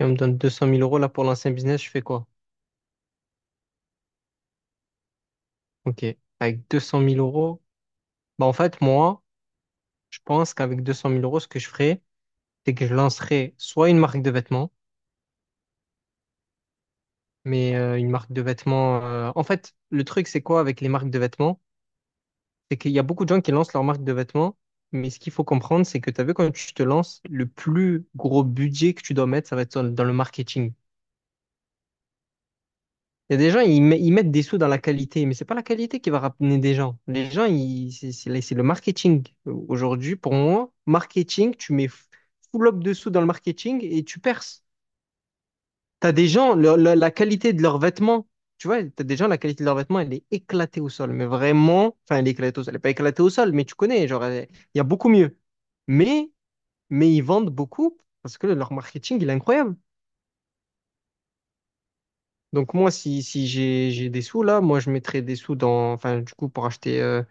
Et on me donne 200 000 € là pour l'ancien business, je fais quoi? Ok. Avec deux cent mille euros, bah en fait, moi, je pense qu'avec deux cent mille euros, ce que je ferais, c'est que je lancerais soit une marque de vêtements, mais une marque de vêtements. En fait, le truc, c'est quoi avec les marques de vêtements? C'est qu'il y a beaucoup de gens qui lancent leur marque de vêtements, mais ce qu'il faut comprendre, c'est que tu as vu, quand tu te lances, le plus gros budget que tu dois mettre, ça va être dans le marketing. Il y a des gens, ils mettent des sous dans la qualité, mais c'est pas la qualité qui va ramener des gens. Les gens, c'est le marketing. Aujourd'hui, pour moi, marketing, tu mets full up de sous dans le marketing et tu perces. T'as des gens, la qualité de leurs vêtements, tu vois, t'as des gens, la qualité de leurs vêtements, elle est éclatée au sol, mais vraiment, enfin, elle est éclatée au sol, elle est pas éclatée au sol, mais tu connais, genre, il y a beaucoup mieux. Mais, mais ils vendent beaucoup parce que leur marketing, il est incroyable. Donc moi, si j'ai des sous là, moi je mettrais des sous dans, enfin du coup pour acheter, euh,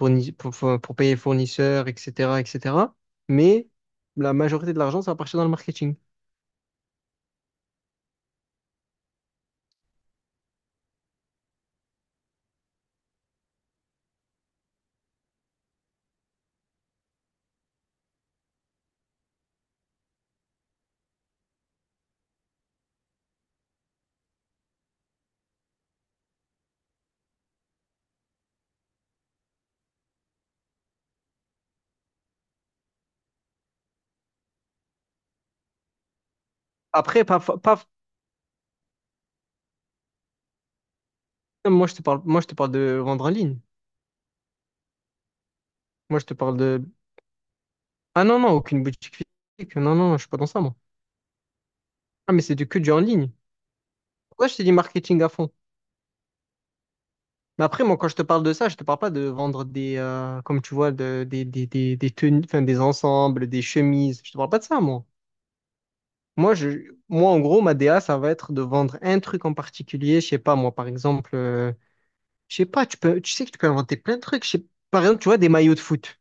fourni- pour, pour- pour payer fournisseurs, etc., etc. Mais la majorité de l'argent, ça va partir dans le marketing. Après, pas, fa- pas, moi je te parle, moi je te parle de vendre en ligne. Moi je te parle de, Ah non non, aucune boutique physique. Non non, je suis pas dans ça moi. Ah mais c'est du que du en ligne. Pourquoi je te dis marketing à fond? Mais après moi quand je te parle de ça, je te parle pas de vendre comme tu vois, de, des tenues, enfin des ensembles, des chemises. Je te parle pas de ça moi. Moi, en gros, ma DA, ça va être de vendre un truc en particulier. Je sais pas, moi, par exemple, je sais pas, tu sais que tu peux inventer plein de trucs. Par exemple, tu vois, des maillots de foot.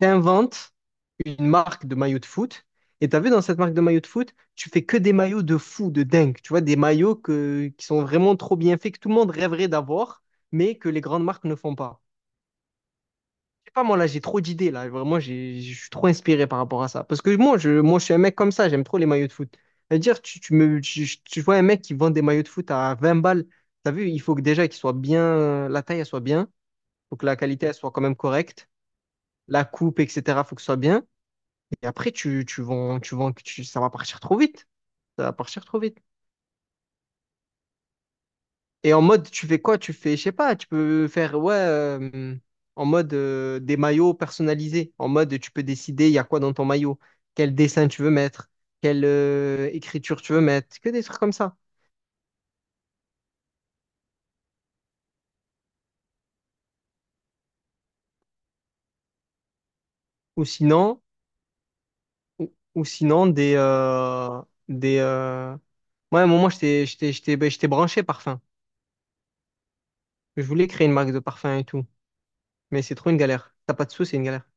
Tu inventes une marque de maillots de foot. Et tu as vu dans cette marque de maillots de foot, tu fais que des maillots de fou, de dingue. Tu vois, des maillots que, qui sont vraiment trop bien faits, que tout le monde rêverait d'avoir, mais que les grandes marques ne font pas. Sais pas, moi là, j'ai trop d'idées là. Vraiment, je suis trop inspiré par rapport à ça. Parce que moi, je suis un mec comme ça, j'aime trop les maillots de foot. C'est-à-dire, tu vois un mec qui vend des maillots de foot à 20 balles. T'as vu, il faut que déjà qu'ils soient bien, la taille, elle soit bien. Faut que la qualité, elle soit quand même correcte. La coupe, etc., faut que ce soit bien. Et après, tu vends, ça va partir trop vite. Ça va partir trop vite. Et en mode, tu fais quoi? Tu fais, je sais pas, tu peux faire, ouais, en mode des maillots personnalisés. En mode, tu peux décider, il y a quoi dans ton maillot, quel dessin tu veux mettre, quelle écriture tu veux mettre, que des trucs comme ça. Ou sinon, ou sinon, des, des. Ouais, moi, à un moment, j'étais branché parfum. Je voulais créer une marque de parfum et tout. Mais c'est trop une galère. T'as pas de sous, c'est une galère.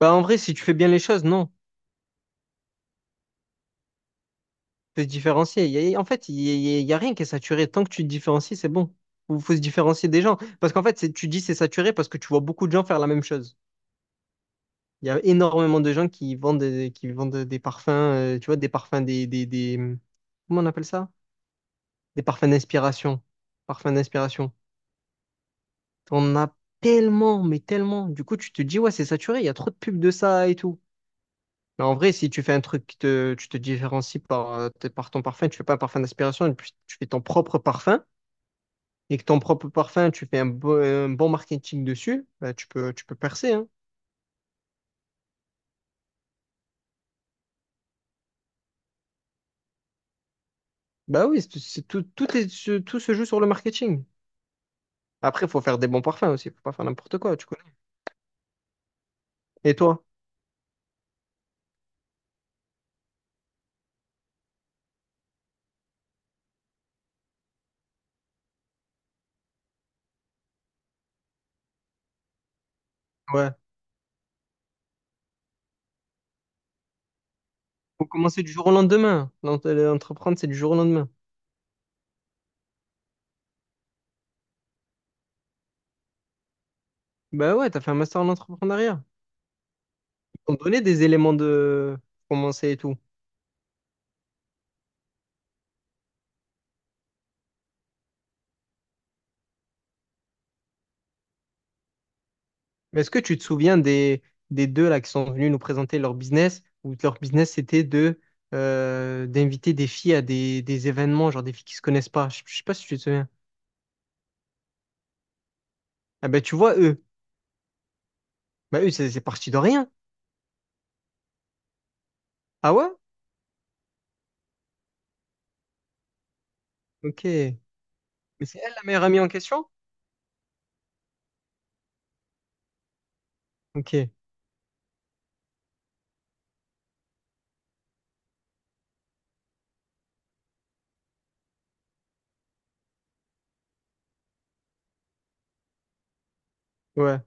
Bah, en vrai, si tu fais bien les choses, non. Faut se différencier. En fait, y a rien qui est saturé. Tant que tu te différencies, c'est bon. Faut se différencier des gens. Parce qu'en fait, tu dis c'est saturé parce que tu vois beaucoup de gens faire la même chose. Il y a énormément de gens qui vendent des parfums, tu vois, des parfums, Comment on appelle ça? Des parfums d'inspiration. Parfums d'inspiration. On a tellement, mais tellement. Du coup, tu te dis, ouais, c'est saturé, il y a trop de pubs de ça et tout. Mais en vrai, si tu fais un truc tu te différencies par ton parfum, tu fais pas un parfum d'aspiration, et puis tu fais ton propre parfum, et que ton propre parfum, tu fais un bon marketing dessus, bah, tu peux percer, hein. Bah oui, c'est tout, tout se joue sur le marketing. Après, il faut faire des bons parfums aussi, faut pas faire n'importe quoi, tu connais. Et toi? Ouais. Faut commencer du jour au lendemain. L'entreprendre, c'est du jour au lendemain. Bah ouais, t'as fait un master en entrepreneuriat. T'ont donné des éléments de commencer et tout. Mais est-ce que tu te souviens des deux là qui sont venus nous présenter leur business, où leur business c'était de d'inviter des filles à des événements, genre des filles qui se connaissent pas. Je sais pas si tu te souviens. Ah ben tu vois eux. Bah eux, c'est parti de rien. Ah ouais? Ok. Mais c'est elle la meilleure amie en question? Ok. Ouais.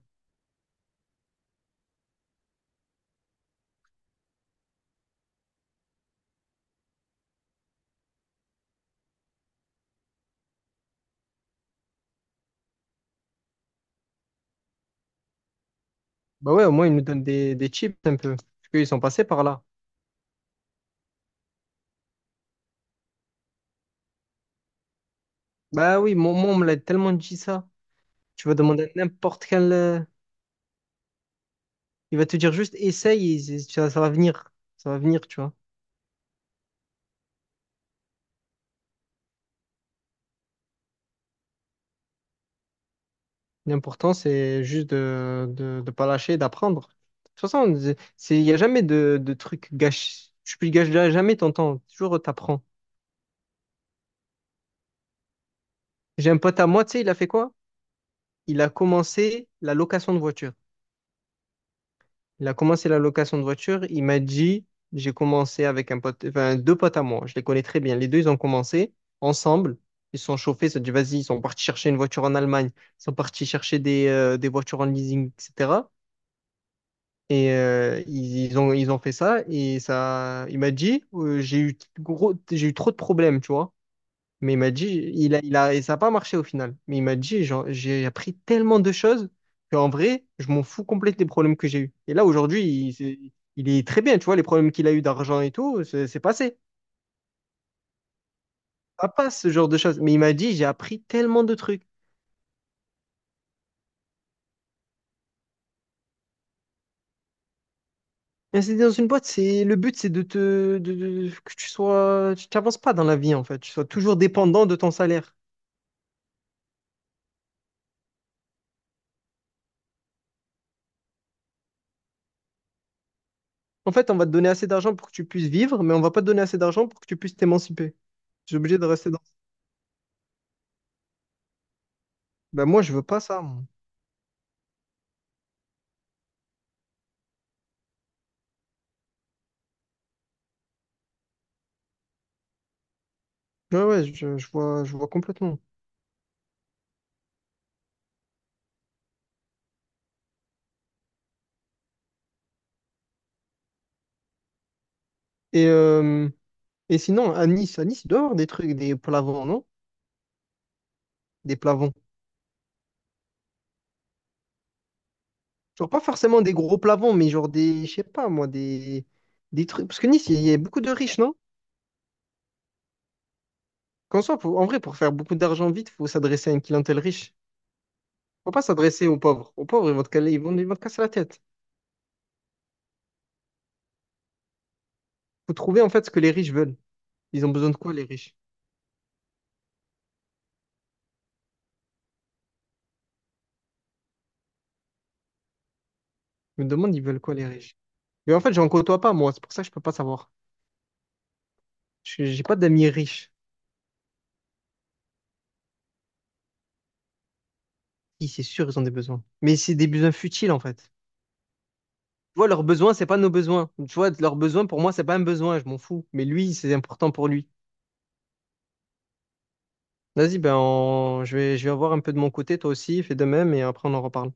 Bah ouais, au moins ils nous donnent des chips un peu. Parce qu'ils sont passés par là. Bah oui, moi on me l'a tellement dit ça. Tu vas demander à n'importe quel. Il va te dire juste essaye, et ça, ça va venir. Ça va venir, tu vois. L'important, c'est juste de pas lâcher, d'apprendre. De toute façon, il n'y a jamais de truc gâché. Tu ne gâches jamais ton temps. Toujours, t'apprends. J'ai un pote à moi, tu sais, il a fait quoi? Il a commencé la location de voiture. Il a commencé la location de voiture. Il m'a dit, j'ai commencé avec un pote, enfin, deux potes à moi. Je les connais très bien. Les deux, ils ont commencé ensemble. Ils se sont chauffés. Ils se sont dit, vas-y, ils sont partis chercher une voiture en Allemagne. Ils sont partis chercher des voitures en leasing, etc. Et ils ont fait ça. Et ça, il m'a dit, j'ai eu trop de problèmes, tu vois. Mais il m'a dit, et ça n'a pas marché au final. Mais il m'a dit, genre, j'ai appris tellement de choses qu'en vrai, je m'en fous complètement des problèmes que j'ai eus. Et là, aujourd'hui, il est très bien, tu vois, les problèmes qu'il a eu d'argent et tout, c'est passé. Ça passe, ce genre de choses. Mais il m'a dit, j'ai appris tellement de trucs. Et c'est dans une boîte, le but, c'est de te, de- que tu sois, tu t'avances pas dans la vie, en fait. Tu sois toujours dépendant de ton salaire. En fait, on va te donner assez d'argent pour que tu puisses vivre, mais on va pas te donner assez d'argent pour que tu puisses t'émanciper. Tu es obligé de rester dans. Ben moi, je veux pas ça. Ouais, ouais, je vois complètement. Et, euh, et sinon, à Nice, il doit y avoir des trucs, des plavons, non? Des plavons. Genre, pas forcément des gros plavons, mais genre je sais pas moi, des trucs. Parce que Nice, il y a beaucoup de riches, non? Qu'en soit, en vrai, pour faire beaucoup d'argent vite, faut s'adresser à une clientèle riche. Faut pas s'adresser aux pauvres. Aux pauvres, ils vont te caler, ils vont te casser la tête. Faut trouver, en fait, ce que les riches veulent. Ils ont besoin de quoi, les riches? Je me demande, ils veulent quoi, les riches? Mais en fait, j'en côtoie pas, moi. C'est pour ça que je peux pas savoir. J'ai pas d'amis riches. Si, c'est sûr, ils ont des besoins. Mais c'est des besoins futiles, en fait. Tu vois, leurs besoins, c'est pas nos besoins. Tu vois, leurs besoins, pour moi, c'est pas un besoin, je m'en fous. Mais lui, c'est important pour lui. Vas-y, ben, je vais, voir un peu de mon côté, toi aussi, fais de même, et après, on en reparle.